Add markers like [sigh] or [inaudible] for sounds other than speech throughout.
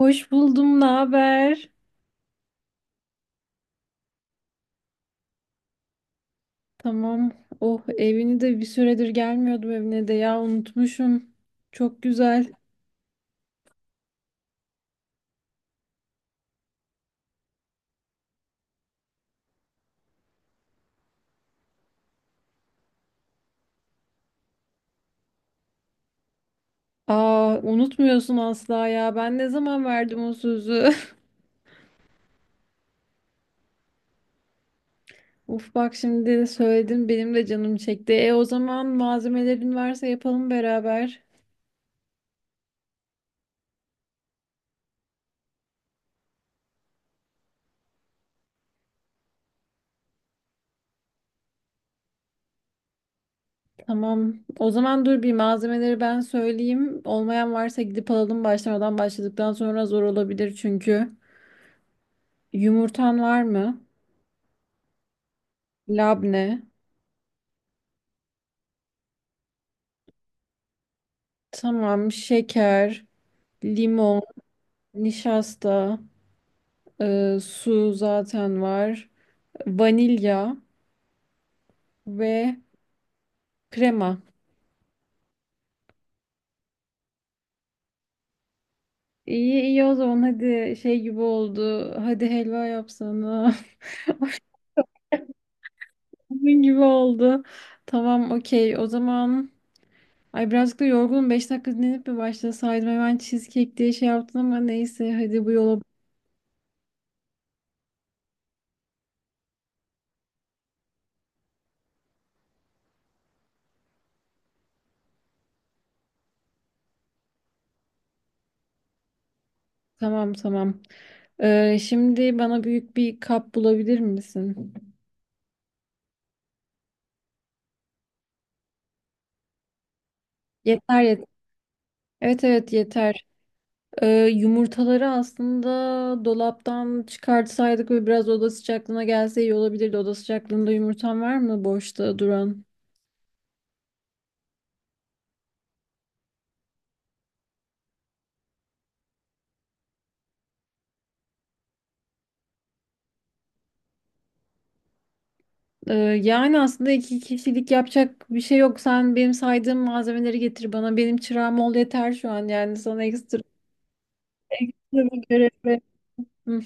Hoş buldum, ne haber? Tamam. Oh, evini de bir süredir gelmiyordum evine de ya unutmuşum. Çok güzel. Aa, unutmuyorsun asla ya. Ben ne zaman verdim o sözü? [laughs] Uf bak şimdi söyledim benim de canım çekti. E o zaman malzemelerin varsa yapalım beraber. Tamam. O zaman dur bir malzemeleri ben söyleyeyim. Olmayan varsa gidip alalım başladıktan sonra zor olabilir çünkü. Yumurtan var mı? Labne. Tamam, şeker, limon, nişasta, su zaten var, vanilya ve krema. İyi iyi o zaman hadi şey gibi oldu. Hadi helva yapsana. [laughs] Bunun gibi oldu. Tamam, okey o zaman. Ay birazcık da yorgunum. 5 dakika dinlenip mi başlasaydım? Hemen cheesecake diye şey yaptın ama neyse hadi bu yola. Tamam. Şimdi bana büyük bir kap bulabilir misin? Yeter yeter. Evet evet yeter. Ee, Yumurtaları aslında dolaptan çıkartsaydık ve biraz oda sıcaklığına gelse iyi olabilirdi. Oda sıcaklığında yumurtan var mı boşta duran? Ee, Yani aslında iki kişilik yapacak bir şey yok. Sen benim saydığım malzemeleri getir bana. Benim çırağım ol yeter şu an. Yani sana ekstra bir görev. Hı.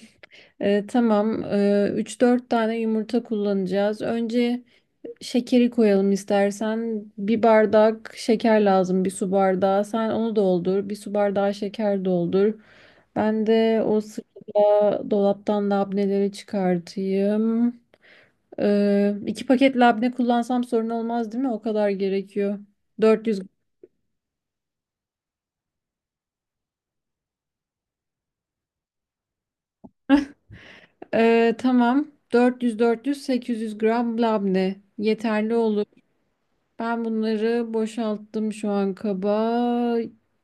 Tamam. 3-4 tane yumurta kullanacağız. Önce şekeri koyalım istersen. Bir bardak şeker lazım, bir su bardağı. Sen onu doldur, bir su bardağı şeker doldur. Ben de o sırada dolaptan labneleri çıkartayım. İki paket labne kullansam sorun olmaz değil mi? O kadar gerekiyor. 400 Ee, tamam. 400 800 gram labne yeterli olur. Ben bunları boşalttım şu an kaba.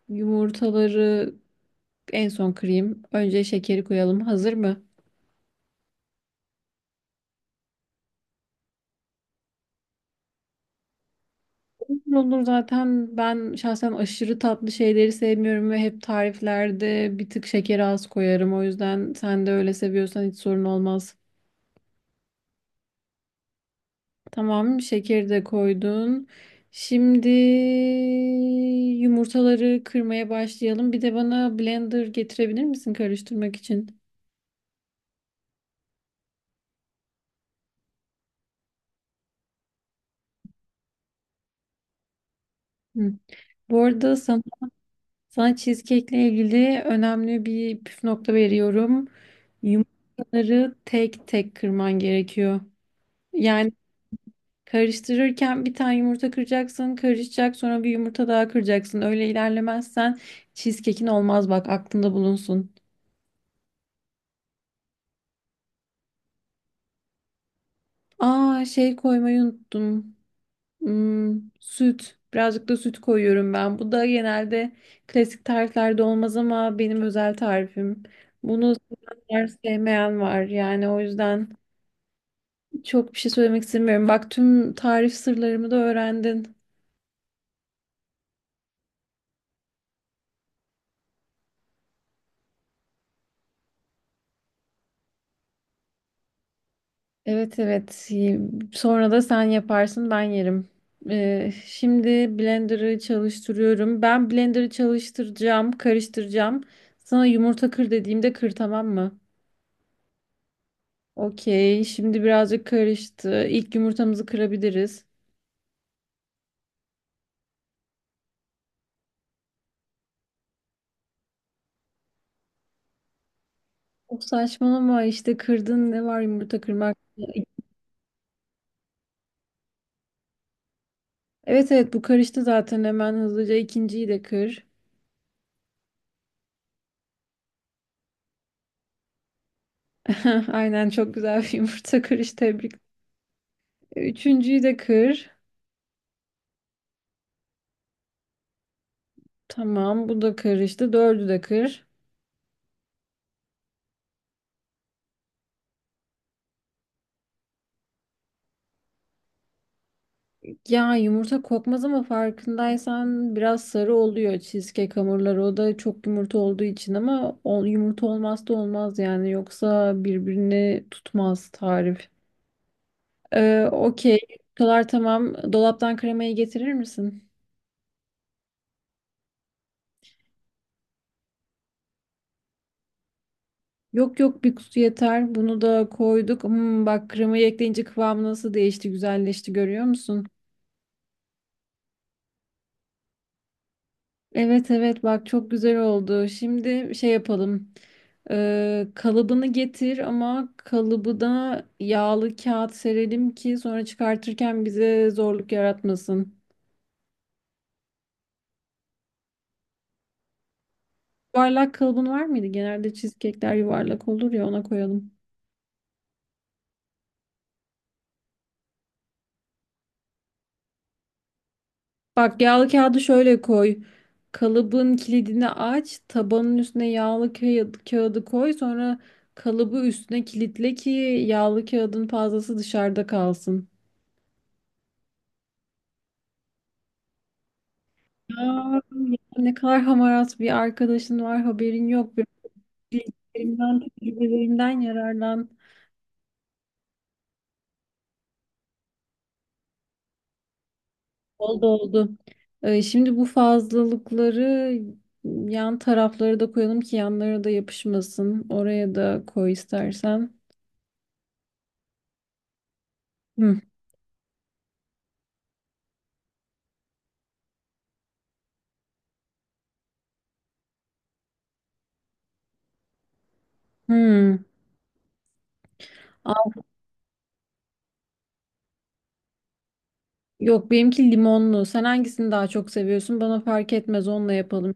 Yumurtaları en son kırayım. Önce şekeri koyalım. Hazır mı? Olur olur, zaten ben şahsen aşırı tatlı şeyleri sevmiyorum ve hep tariflerde bir tık şekeri az koyarım. O yüzden sen de öyle seviyorsan hiç sorun olmaz. Tamam, şekeri de koydun. Şimdi yumurtaları kırmaya başlayalım. Bir de bana blender getirebilir misin karıştırmak için? Hı. Bu arada sana cheesecake'le ilgili önemli bir püf nokta veriyorum. Yumurtaları tek tek kırman gerekiyor. Yani karıştırırken bir tane yumurta kıracaksın, karışacak, sonra bir yumurta daha kıracaksın. Öyle ilerlemezsen cheesecake'in olmaz, bak aklında bulunsun. Aa, şey koymayı unuttum. Hmm, süt. Birazcık da süt koyuyorum ben. Bu da genelde klasik tariflerde olmaz ama benim özel tarifim. Bunu sevenler sevmeyen var. Yani o yüzden çok bir şey söylemek istemiyorum. Bak tüm tarif sırlarımı da öğrendin. Evet evet. Sonra da sen yaparsın, ben yerim. Şimdi blender'ı çalıştırıyorum. Ben blender'ı çalıştıracağım, karıştıracağım. Sana yumurta kır dediğimde kır, tamam mı? Okey. Şimdi birazcık karıştı. İlk yumurtamızı kırabiliriz. Çok saçmalama işte, kırdın ne var yumurta kırmak? Evet evet, bu karıştı zaten, hemen hızlıca ikinciyi de kır. [laughs] Aynen, çok güzel bir yumurta kırış, tebrik. Üçüncüyü de kır. Tamam, bu da karıştı. Dördü de kır. Ya yumurta kokmaz ama farkındaysan biraz sarı oluyor cheesecake hamurları. O da çok yumurta olduğu için ama yumurta olmazsa olmaz yani. Yoksa birbirini tutmaz tarif. Okey. Yumurtalar tamam. Dolaptan kremayı getirir misin? Yok yok, bir kutu yeter. Bunu da koyduk. Hmm, bak kremayı ekleyince kıvamı nasıl değişti, güzelleşti, görüyor musun? Evet evet, bak çok güzel oldu. Şimdi şey yapalım. Kalıbını getir ama kalıbı da yağlı kağıt serelim ki sonra çıkartırken bize zorluk yaratmasın. Yuvarlak kalıbın var mıydı? Genelde cheesecake'ler yuvarlak olur ya, ona koyalım. Bak yağlı kağıdı şöyle koy. Kalıbın kilidini aç, tabanın üstüne yağlı kağıdı koy, sonra kalıbı üstüne kilitle ki yağlı kağıdın fazlası dışarıda kalsın. Ya, ne kadar hamarat bir arkadaşın var haberin yok. Benim bilgilerimden, tecrübelerimden yararlan. Oldu oldu. Şimdi bu fazlalıkları yan tarafları da koyalım ki yanlara da yapışmasın. Oraya da koy istersen. Hı. Hı. Aa, yok benimki limonlu. Sen hangisini daha çok seviyorsun? Bana fark etmez, onunla yapalım.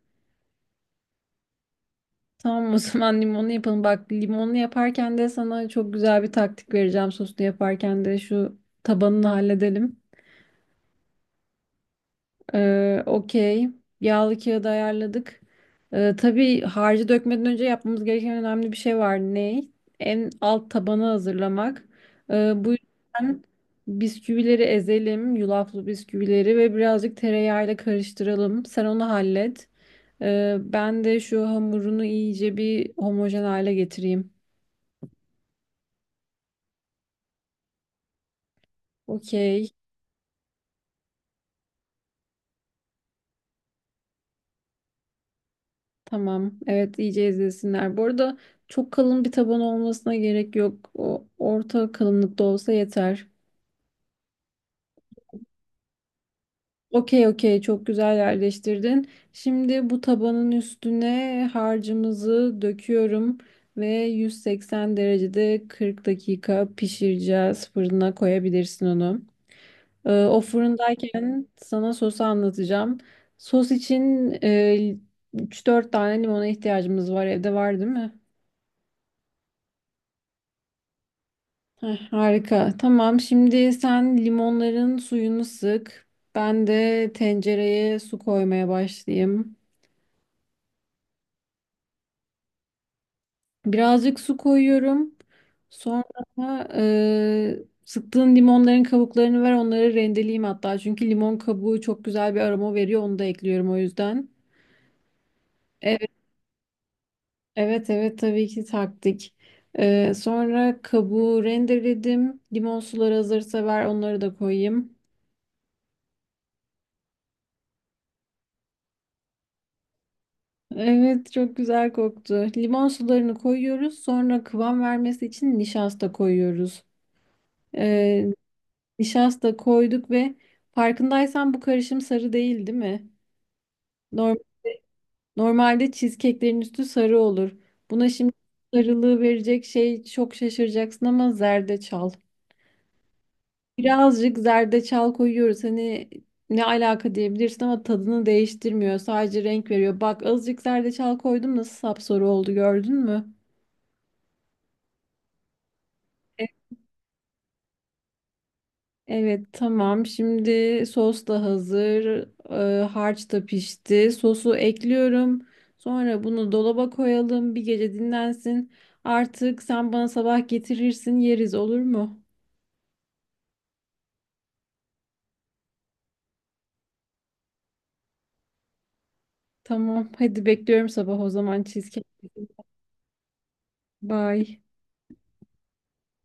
Tamam, o zaman limonlu yapalım. Bak limonlu yaparken de sana çok güzel bir taktik vereceğim. Soslu yaparken de şu tabanını halledelim. Okey. Yağlı kağıdı ayarladık. Tabii harcı dökmeden önce yapmamız gereken önemli bir şey var. Ne? En alt tabanı hazırlamak. Bu yüzden bisküvileri ezelim. Yulaflı bisküvileri ve birazcık tereyağıyla karıştıralım. Sen onu hallet. Ben de şu hamurunu iyice bir homojen hale getireyim. Okey. Tamam. Evet iyice izlesinler. Bu arada çok kalın bir taban olmasına gerek yok. O orta kalınlıkta olsa yeter. Okey okey, çok güzel yerleştirdin. Şimdi bu tabanın üstüne harcımızı döküyorum ve 180 derecede 40 dakika pişireceğiz. Fırına koyabilirsin onu. O fırındayken sana sosu anlatacağım. Sos için 3-4 tane limona ihtiyacımız var. Evde var değil mi? Heh, harika. Tamam. Şimdi sen limonların suyunu sık. Ben de tencereye su koymaya başlayayım. Birazcık su koyuyorum. Sonra e, sıktığın limonların kabuklarını ver. Onları rendeleyeyim hatta. Çünkü limon kabuğu çok güzel bir aroma veriyor. Onu da ekliyorum o yüzden. Evet, evet tabii ki taktik. E, sonra kabuğu rendeledim. Limon suları hazırsa ver. Onları da koyayım. Evet çok güzel koktu. Limon sularını koyuyoruz. Sonra kıvam vermesi için nişasta koyuyoruz. Ee, Nişasta koyduk ve farkındaysan bu karışım sarı değil, değil mi? Norm- Normalde cheesecake'lerin üstü sarı olur. Buna şimdi sarılığı verecek şey çok şaşıracaksın ama zerdeçal. Birazcık zerdeçal koyuyoruz. Hani ne alaka diyebilirsin ama tadını değiştirmiyor. Sadece renk veriyor. Bak azıcık zerdeçal koydum, nasıl sapsarı oldu gördün mü? Evet tamam. Şimdi sos da hazır. Harç da pişti. Sosu ekliyorum. Sonra bunu dolaba koyalım. Bir gece dinlensin. Artık sen bana sabah getirirsin, yeriz, olur mu? Tamam. Hadi bekliyorum sabah o zaman cheesecake. Bye.